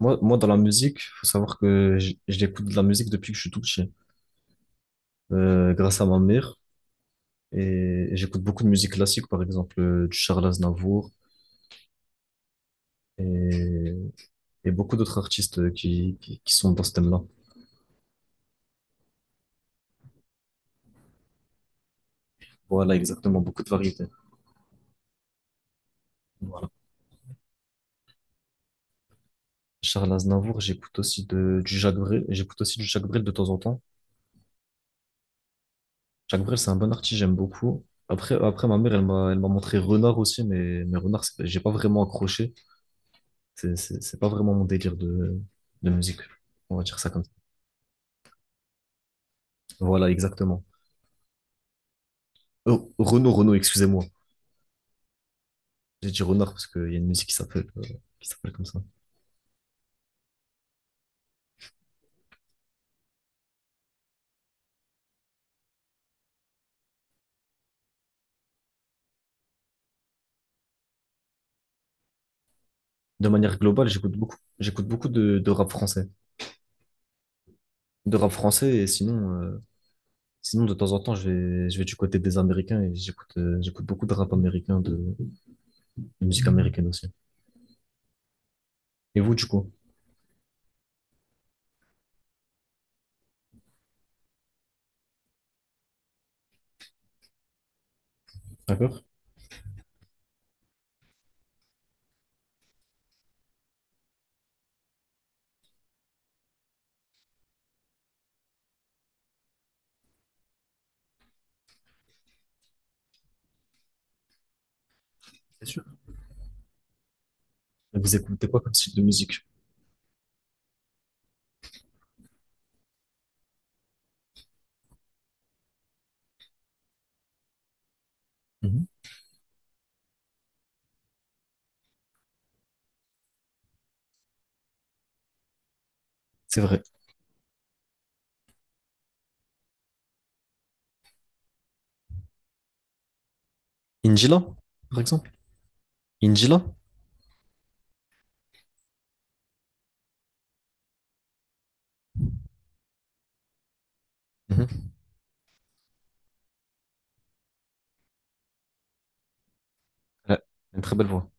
Moi, dans la musique, faut savoir que j'écoute de la musique depuis que je suis tout petit, grâce à ma mère. Et j'écoute beaucoup de musique classique, par exemple, du Charles Aznavour et, et beaucoup d'autres artistes qui sont dans ce thème-là. Voilà, exactement, beaucoup de variétés. Voilà. Charles Aznavour, j'écoute aussi du Jacques Brel, j'écoute aussi du Jacques Brel de temps en temps. Jacques Brel, c'est un bon artiste, j'aime beaucoup. Après, ma mère, elle m'a montré Renard aussi, mais Renard, j'ai pas vraiment accroché. C'est pas vraiment mon délire de musique. On va dire ça comme ça. Voilà, exactement. Oh, Renaud, excusez-moi. J'ai dit Renard parce qu'il y a une musique qui s'appelle comme ça. De manière globale, j'écoute beaucoup de rap français. De rap français, et sinon, sinon de temps en temps, je vais du côté des Américains et j'écoute beaucoup de rap américain, de musique américaine aussi. Et vous, du coup? D'accord? C'est sûr. Vous écoutez quoi comme style de musique? Mhm. C'est vrai. Injila, par exemple? Injila? Mhm. Elle a une très belle voix.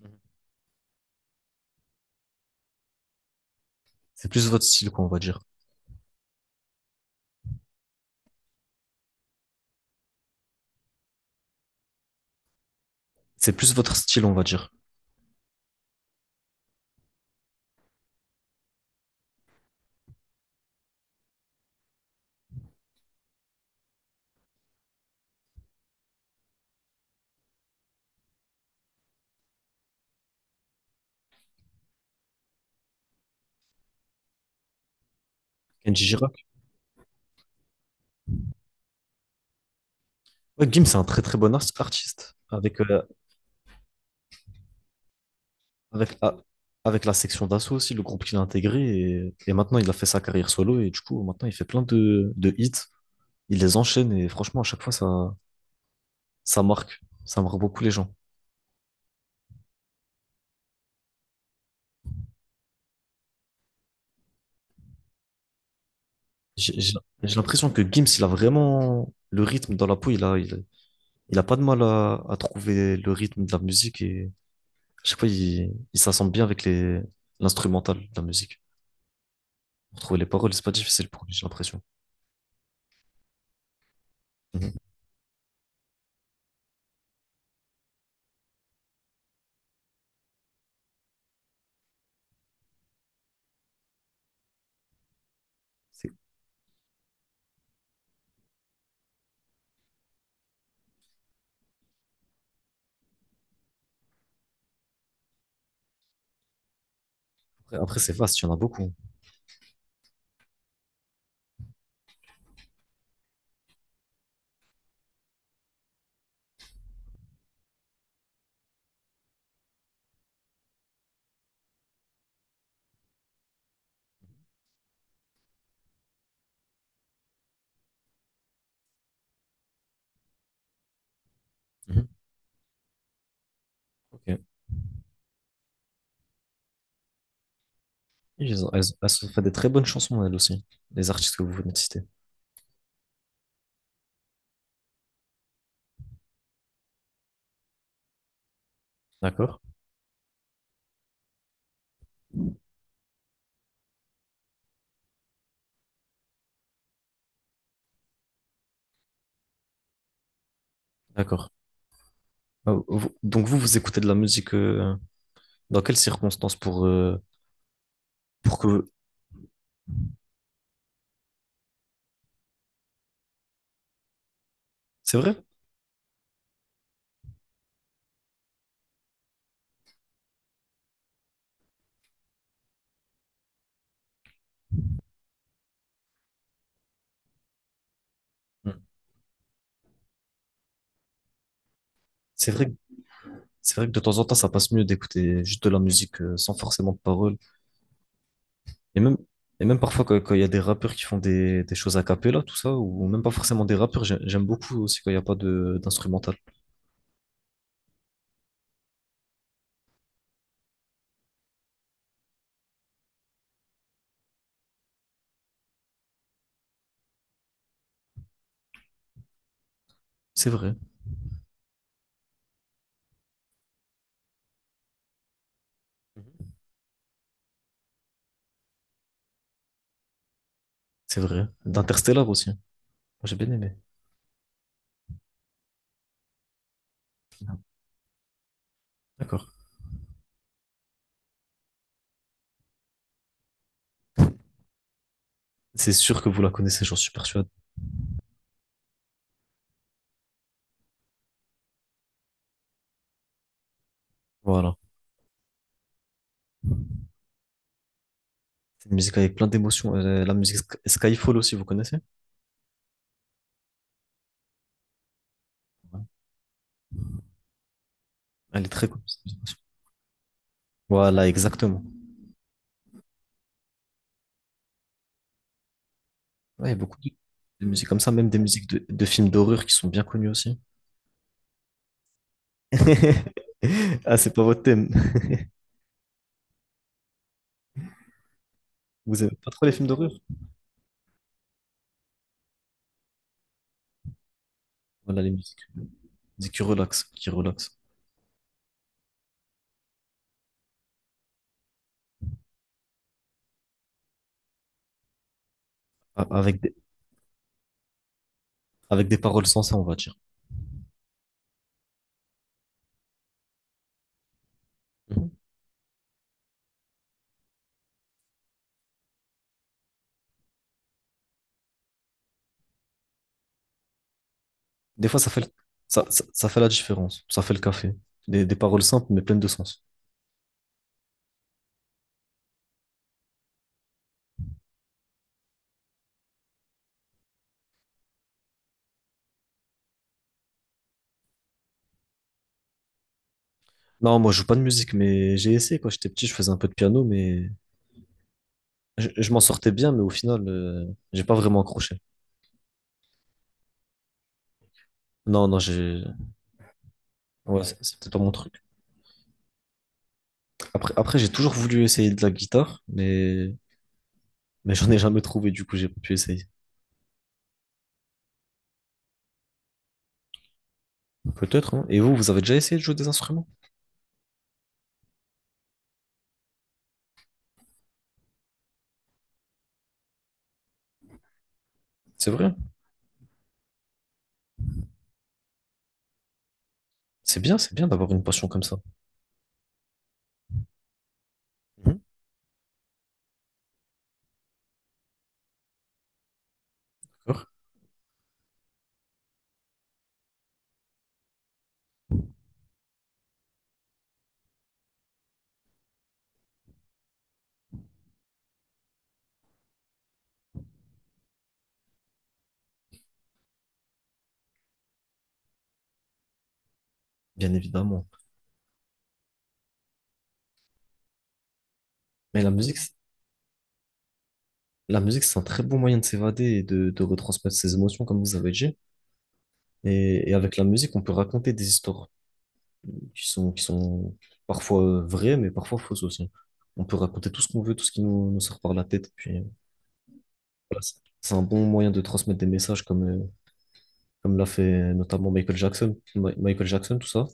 Mhm. C'est plus votre style, quoi, on va dire. C'est plus votre style, on va dire. Kenji. Ouais, Gims, c'est un très très bon artiste. Avec, avec, ah, avec la section d'assaut aussi, le groupe qu'il a intégré. Et maintenant, il a fait sa carrière solo. Et du coup, maintenant, il fait plein de hits. Il les enchaîne. Et franchement, à chaque fois, ça marque. Ça marque beaucoup les gens. J'ai j'ai- j'ai l'impression que Gims, il a vraiment le rythme dans la peau. Il a pas de mal à trouver le rythme de la musique. Et je sais pas, il s'assemble bien avec l'instrumental de la musique. Pour trouver les paroles, c'est pas difficile pour lui, j'ai l'impression. Mhm. C'est- après, c'est vaste, il y en a beaucoup. Mhm. Ok. Et elles, elles ont fait des très bonnes chansons, elles aussi, les artistes que vous venez de citer. D'accord? D'accord. Ah, donc vous écoutez de la musique dans quelles circonstances pour que... C'est vrai? Mm. C'est vrai, que- c'est vrai que de temps en temps, ça passe mieux d'écouter juste de la musique sans forcément de paroles. Et même, et même parfois, quand il y a des rappeurs qui font des choses a cappella, tout ça, ou même pas forcément des rappeurs, j'aime beaucoup aussi quand il n'y a pas de d'instrumental. C'est vrai. Mhm. C'est vrai. D'Interstellar aussi. J'ai bien aimé. D'accord. C'est sûr que vous la connaissez, j'en suis persuadé. Voilà. C'est une musique avec plein d'émotions. La musique Skyfall aussi, vous connaissez? Ouais. Elle est très connue, cette musique. Voilà, exactement. Ouais, il y a beaucoup de musiques comme ça, même des musiques de films d'horreur qui sont bien connues aussi. Ah, c'est pas votre thème. Vous aimez pas trop les films d'horreur? Voilà, les musiques qui relaxent, qui relaxent. A- Avec des, avec des paroles sensées, on va dire. Mhm. Des fois, ça fait, le- ça fait la différence. Ça fait le café. Des paroles simples, mais pleines de sens. Non, moi, je joue pas de musique, mais j'ai essayé quand j'étais petit, je faisais un peu de piano, mais je m'en sortais bien, mais au final, j'ai pas vraiment accroché. Non, non, j'ai, ouais, c'est peut-être pas mon truc. Après, j'ai toujours voulu essayer de la guitare, mais j'en ai jamais trouvé, du coup, j'ai pas pu essayer. Peut-être, hein. Et vous, vous avez déjà essayé de jouer des instruments? C'est vrai? C'est bien d'avoir une passion comme ça. Mhm. D'accord. Bien évidemment. Mais la musique, c'est- la musique, c'est un très bon moyen de s'évader et de retransmettre ses émotions, comme vous avez dit. Et avec la musique, on peut raconter des histoires qui sont parfois vraies, mais parfois fausses aussi. On peut raconter tout ce qu'on veut, tout ce qui nous sort par la tête. Puis, voilà, c'est un bon moyen de transmettre des messages comme, comme l'a fait notamment Michael Jackson. Michael Jackson, tout ça.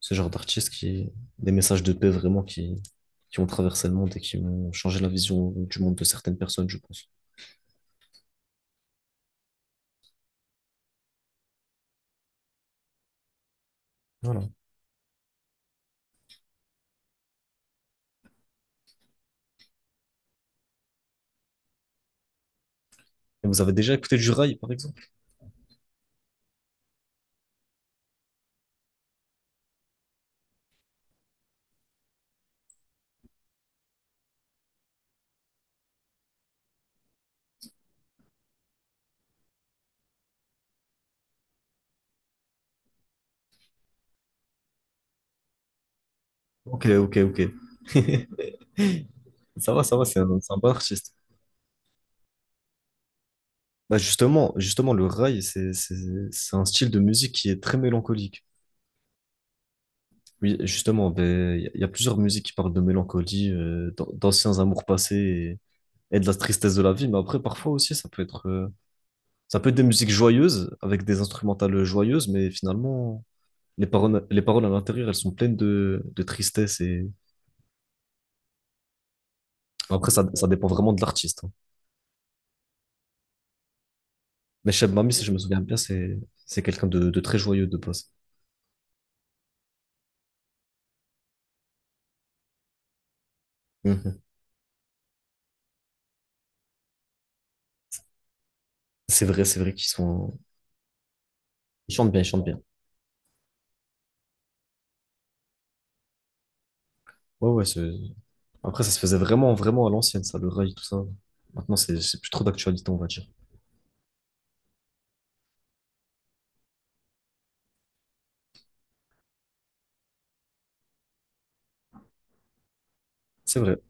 Ce genre des messages de paix vraiment qui ont traversé le monde et qui ont changé la vision du monde de certaines personnes, je pense. Voilà. Et vous avez déjà écouté du rail, par exemple? Ok, ok, ok. Ça va, c'est un bon artiste. Bah justement, justement, le rail, c'est un style de musique qui est très mélancolique. Oui, justement, ben, il y a, il y a plusieurs musiques qui parlent de mélancolie, d'anciens amours passés et de la tristesse de la vie. Mais après, parfois aussi, ça peut être des musiques joyeuses, avec des instrumentales joyeuses, mais finalement, les paroles à l'intérieur, elles sont pleines de tristesse. Et après, ça dépend vraiment de l'artiste, hein. Mais Cheb Mami, si je me souviens bien, c'est quelqu'un de très joyeux de base. Mhm. C'est vrai qu'ils sont... Ils chantent bien, ils chantent bien. Ouais, ouais, c'est Après, ça se faisait vraiment, vraiment à l'ancienne, ça, le rail, tout ça. Maintenant, c'est plus trop d'actualité, on va dire. C'est vrai.